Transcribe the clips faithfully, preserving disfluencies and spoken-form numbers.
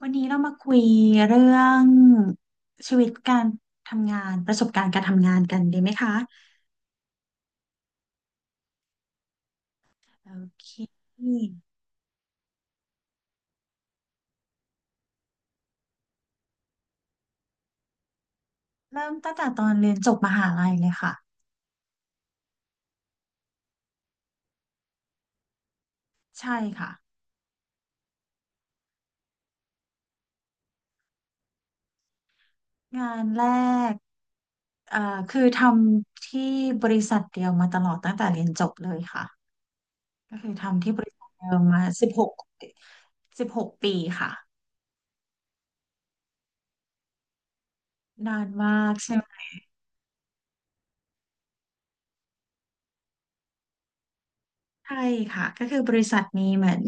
วันนี้เรามาคุยเรื่องชีวิตการทำงานประสบการณ์การทำงานกันดีไหมคะโอเคเริ่มตั้งแต่ตอนเรียนจบมหาลัยเลยค่ะใช่ค่ะงานแรกเอ่อคือทำที่บริษัทเดียวมาตลอดตั้งแต่เรียนจบเลยค่ะก็คือทำที่บริษัทเดียวมาสิบหกสิบหกปีค่ะนานมากใช่ ใช่ค่ะก็คือบริษัทนี้เหมือน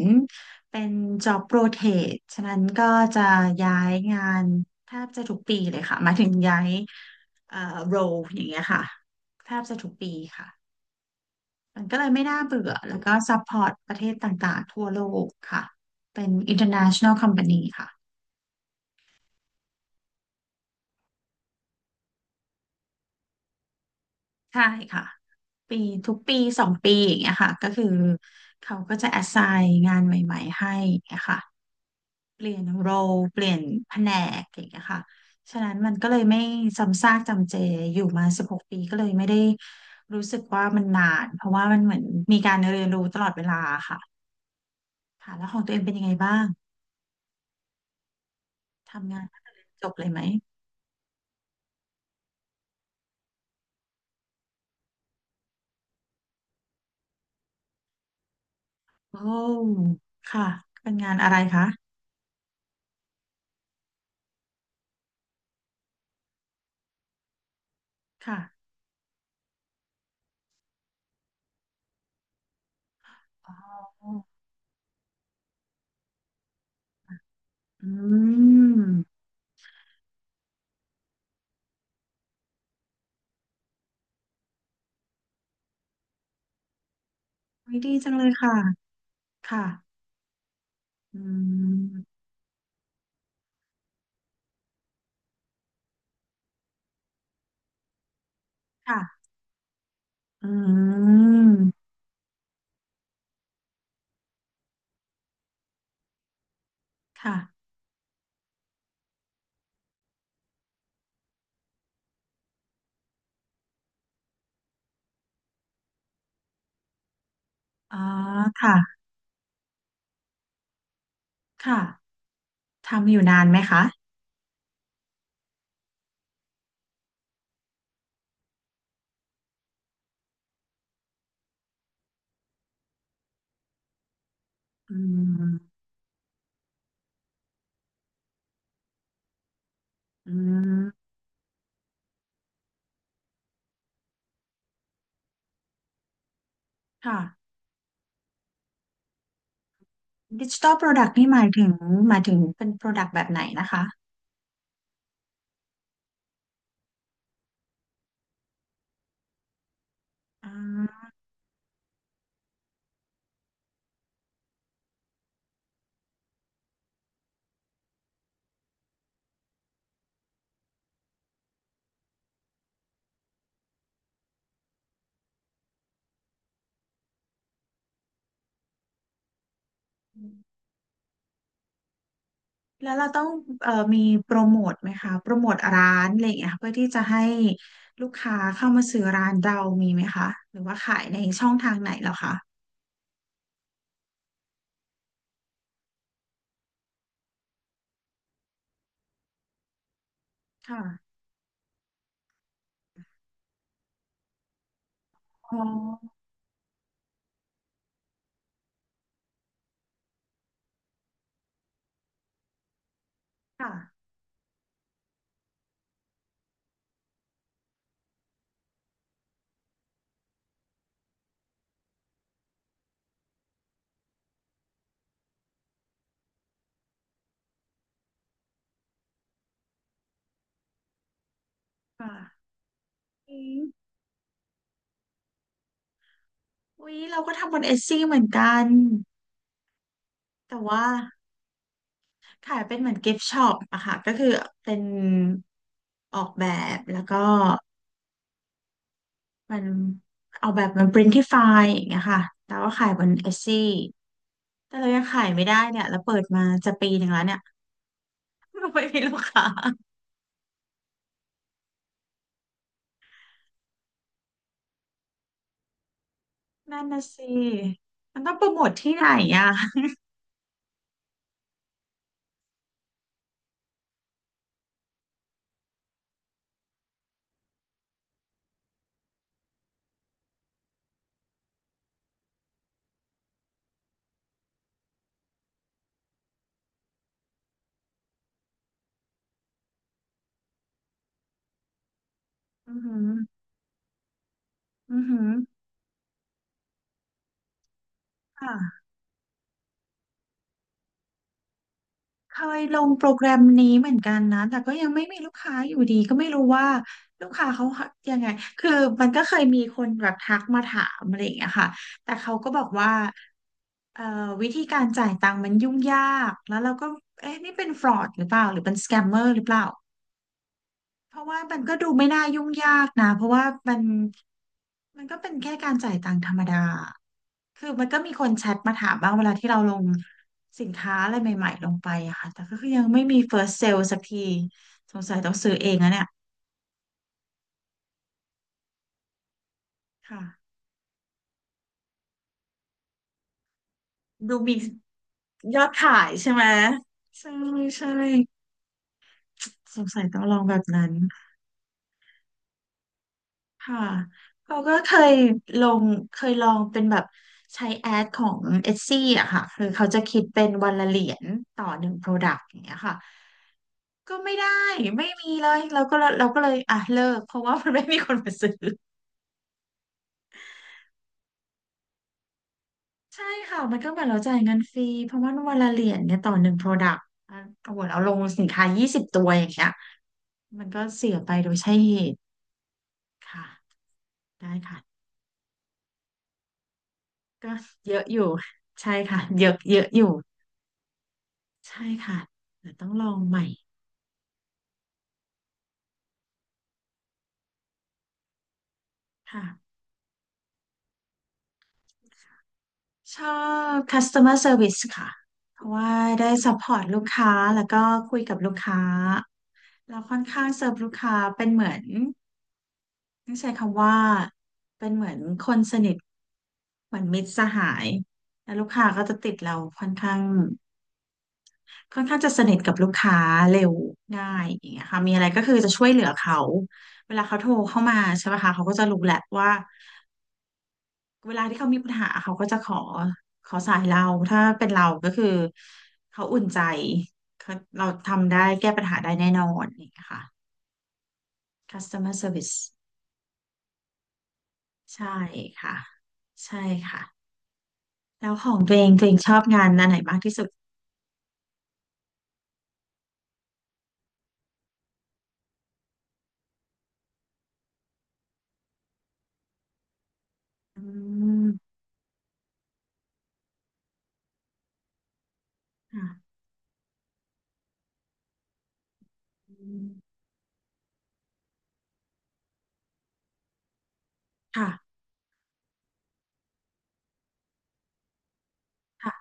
เป็น job rotate ฉะนั้นก็จะย้ายงานแทบจะทุกปีเลยค่ะหมายถึงย้ายเอ่อ role อย่างเงี้ยค่ะแทบจะทุกปีค่ะมันก็เลยไม่น่าเบื่อแล้วก็ support ประเทศต่างๆทั่วโลกค่ะเป็น international company ค่ะใช่ค่ะปีทุกปีสองปีอย่างเงี้ยค่ะก็คือเขาก็จะ assign งานใหม่ๆให้อย่างเงี้ยค่ะ เปลี่ยนโรลเปลี่ยนแผนกอย่างเงี้ยค่ะฉะนั้นมันก็เลยไม่ซ้ำซากจำเจอยู่มาสิบหกปีก็เลยไม่ได้รู้สึกว่ามันนานเพราะว่ามันเหมือนมีการเรียนรู้ตลอดเวลาค่ะค่ะแล้วของตัวเองเป็นยังไงบ้างทำงานตั้งแต่เรียนจบเลยไหมโอ้ค่ะเป็นงานอะไรคะค่ะอ๋ออืมวดีจังเลยค่ะค่ะอืมค่ะอืมค่ะอ๋อค่ะค่ะ ทำอยู่นานไหมคะอืมอืมค่ะดิจิ t a ลโปรดักต์นี่หมายถึงหมายถึงเป็นโปรดักต์แบบไหนนะคะอืมแล้วเราต้องเอ่อมีโปรโมทไหมคะโปรโมทร้านอะไรอย่างเงี้ยะเพื่อที่จะให้ลูกค้าเข้ามาซื้อร้านเรามีไหมคะ หรือว่าขายในช่องทางไหนเหรอคะค่ะอ๋อค่ะ ค่ะอืมอุ๊ยเราก็ทำบนเอซี่เหมือนกัน แต่ว่า ค่ะเป็นเหมือนกิฟต์ช็อปอะค่ะก็คือเป็นออกแบบแล้วก็มันออกแบบมันปรินที่ไฟล์อย่างเงี้ยค่ะแต่ว่าขายบนเอซี่แต่เรายังขายไม่ได้เนี่ยแล้วเปิดมาจะปีหนึ่งแล้วเนี่ย ไม่มีลูกค้านั่นนะสิมันต้องโปรโมทที่ไหนอะอือหืออือหือค่ะ เคยลงโปรแกรมนี้เหมือนกันนะ แต่ก็ยังไม่มีลูกค้าอยู่ดีก็ไม่รู้ว่าลูกค้าเขายังไง คือมันก็เคยมีคนแบบทักมาถามอะไรอย่างเงี้ยค่ะแต่เขาก็บอกว่าเอ่อวิธีการจ่ายตังค์มันยุ่งยากแล้วเราก็เอ๊ะนี่เป็นฟรอดหรือเปล่าหรือเป็นสแกมเมอร์หรือเปล่า เพราะว่ามันก็ดูไม่น่ายุ่งยากนะเพราะว่ามันมันก็เป็นแค่การจ่ายตังค์ธรรมดาคือมันก็มีคนแชทมาถามบ้างเวลาที่เราลงสินค้าอะไรใหม่ๆลงไปอะค่ะแต่ก็คือยังไม่มี first sale สักทีสงสัยต้องซื้อเองนะเนี่ยค่ะดูมียอดขายใช่ไหมใช่ใช่สงสัยต้องลองแบบนั้น ค่ะเขาก็เคยลงเคยลองเป็นแบบใช้แอดของเอซี่อะค่ะคือเขาจะคิดเป็นวันละเหรียญต่อหนึ่งโปรดักต์อย่างเงี้ยค่ะก็ไม่ได้ไม่มีเลยเราก็เราก็เลยอ่ะเลิกเพราะว่ามันไม่มีคนมาซื้อใช่ค่ะมันก็เหมือนเราจ่ายเงินฟรีเพราะว่าวันละเหรียญเนี่ยต่อหนึ่งโปรดักต์อ่ะโอ้โหเราลงสินค้ายี่สิบตัวอย่างเงี้ยมันก็เสียไปโดยใช่เหตุค่ะได้ค่ะก็เยอะอยู่ใช่ค่ะเยอะเยอะอยู่ ใช่ค่ะเดี๋ยวต้องลองใหม่ค่ะชอบ customer service ค่ะเพราะว่าได้ support ลูกค้าแล้วก็คุยกับลูกค้าเราค่อนข้างเซิร์ฟลูกค้าเป็นเหมือนต้องใช้คำว่าเป็นเหมือนคนสนิทเหมือนมิตรสหายแล้วลูกค้าก็จะติดเราค่อนข้างค่อนข้างจะสนิทกับลูกค้าเร็วง่ายอย่างเงี้ยค่ะมีอะไรก็คือจะช่วยเหลือเขาเวลาเขาโทรเข้ามาใช่ไหมคะเขาก็จะรู้แหละว่า เวลาที่เขามีปัญหาเขาก็จะขอขอสายเราถ้าเป็นเราก็คือเขาอุ่นใจเขาเราทำได้แก้ปัญหาได้แน่นอนนี่ค่ะ customer service ใช่ค่ะใช่ค่ะแล้วของตัวเองตัวเองชอบงานอันไหนมากที่สุดอืมค่ะอืมค่ะค่ะ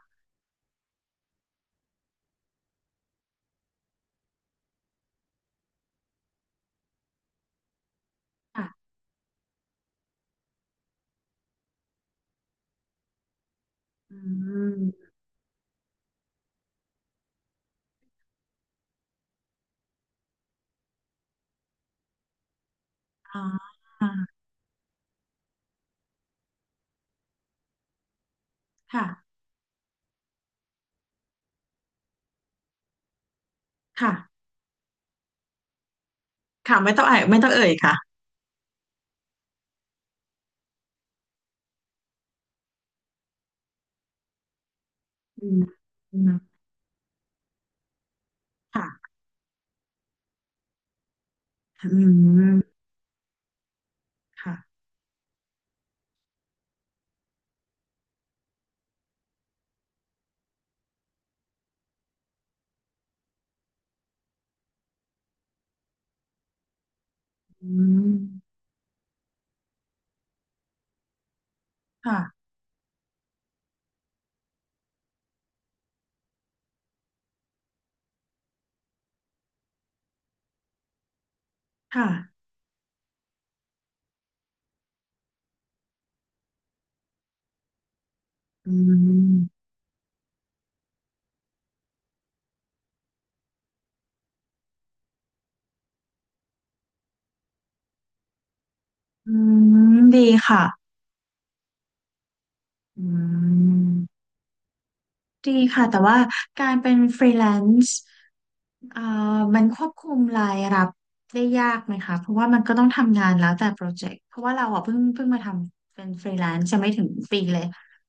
ค่ะอืมอ๋อค่ะค่ะค่ะไม่ต้องเอ่ยไม่ต้องเอ่ยค่ะอืมอืมค่ะอืมค่ะอืมค่ะค่ะ อืมอืมดีค่ะอืมดีค่ะแต่ว่าการเป็นฟรีแลนซ์ เอ่อมันควบคุมรายรับได้ยากไหมคะเพราะว่ามันก็ต้องทำงานแล้วแต่โปรเจกต์เพราะว่าเราอ่ะเพิ่งเพิ่งมาทำเป็นฟรีแลนซ์จะไม่ถึงปีเลย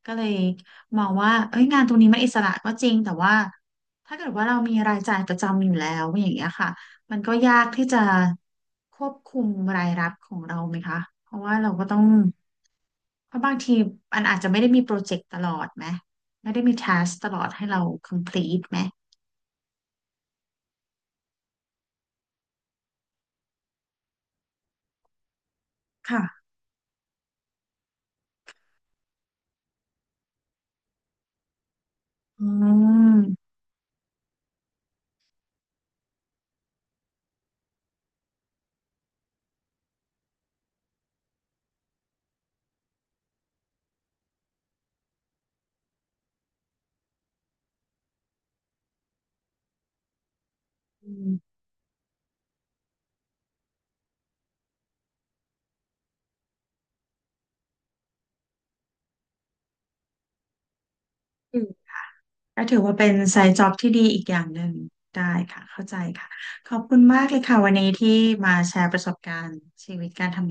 ก็เลยมองว่าเอ้ยงานตรงนี้มันอิสระก็จริงแต่ว่าถ้าเกิดว่าเรามีรายจ่ายประจำอยู่แล้วอย่างเงี้ยค่ะมันก็ยากที่จะควบคุมรายรับของเราไหมคะเพราะว่าเราก็ต้องเพราะบางทีมันอาจจะไม่ได้มีโปรเจกต์ตลอดไหมไม่ได้มี task ตลอดให้เรา complete ไหมค่ะอืม อืมอืมก็ถือว่าเป็นไซด์จ็อบที่ดีอีกอย่างหนึ่งได้ค่ะเข้าใจค่ะขอบคุณมากเลยค่ะวันนี้ที่มาแชร์ประสบการณ์ชีวิตการทำงาน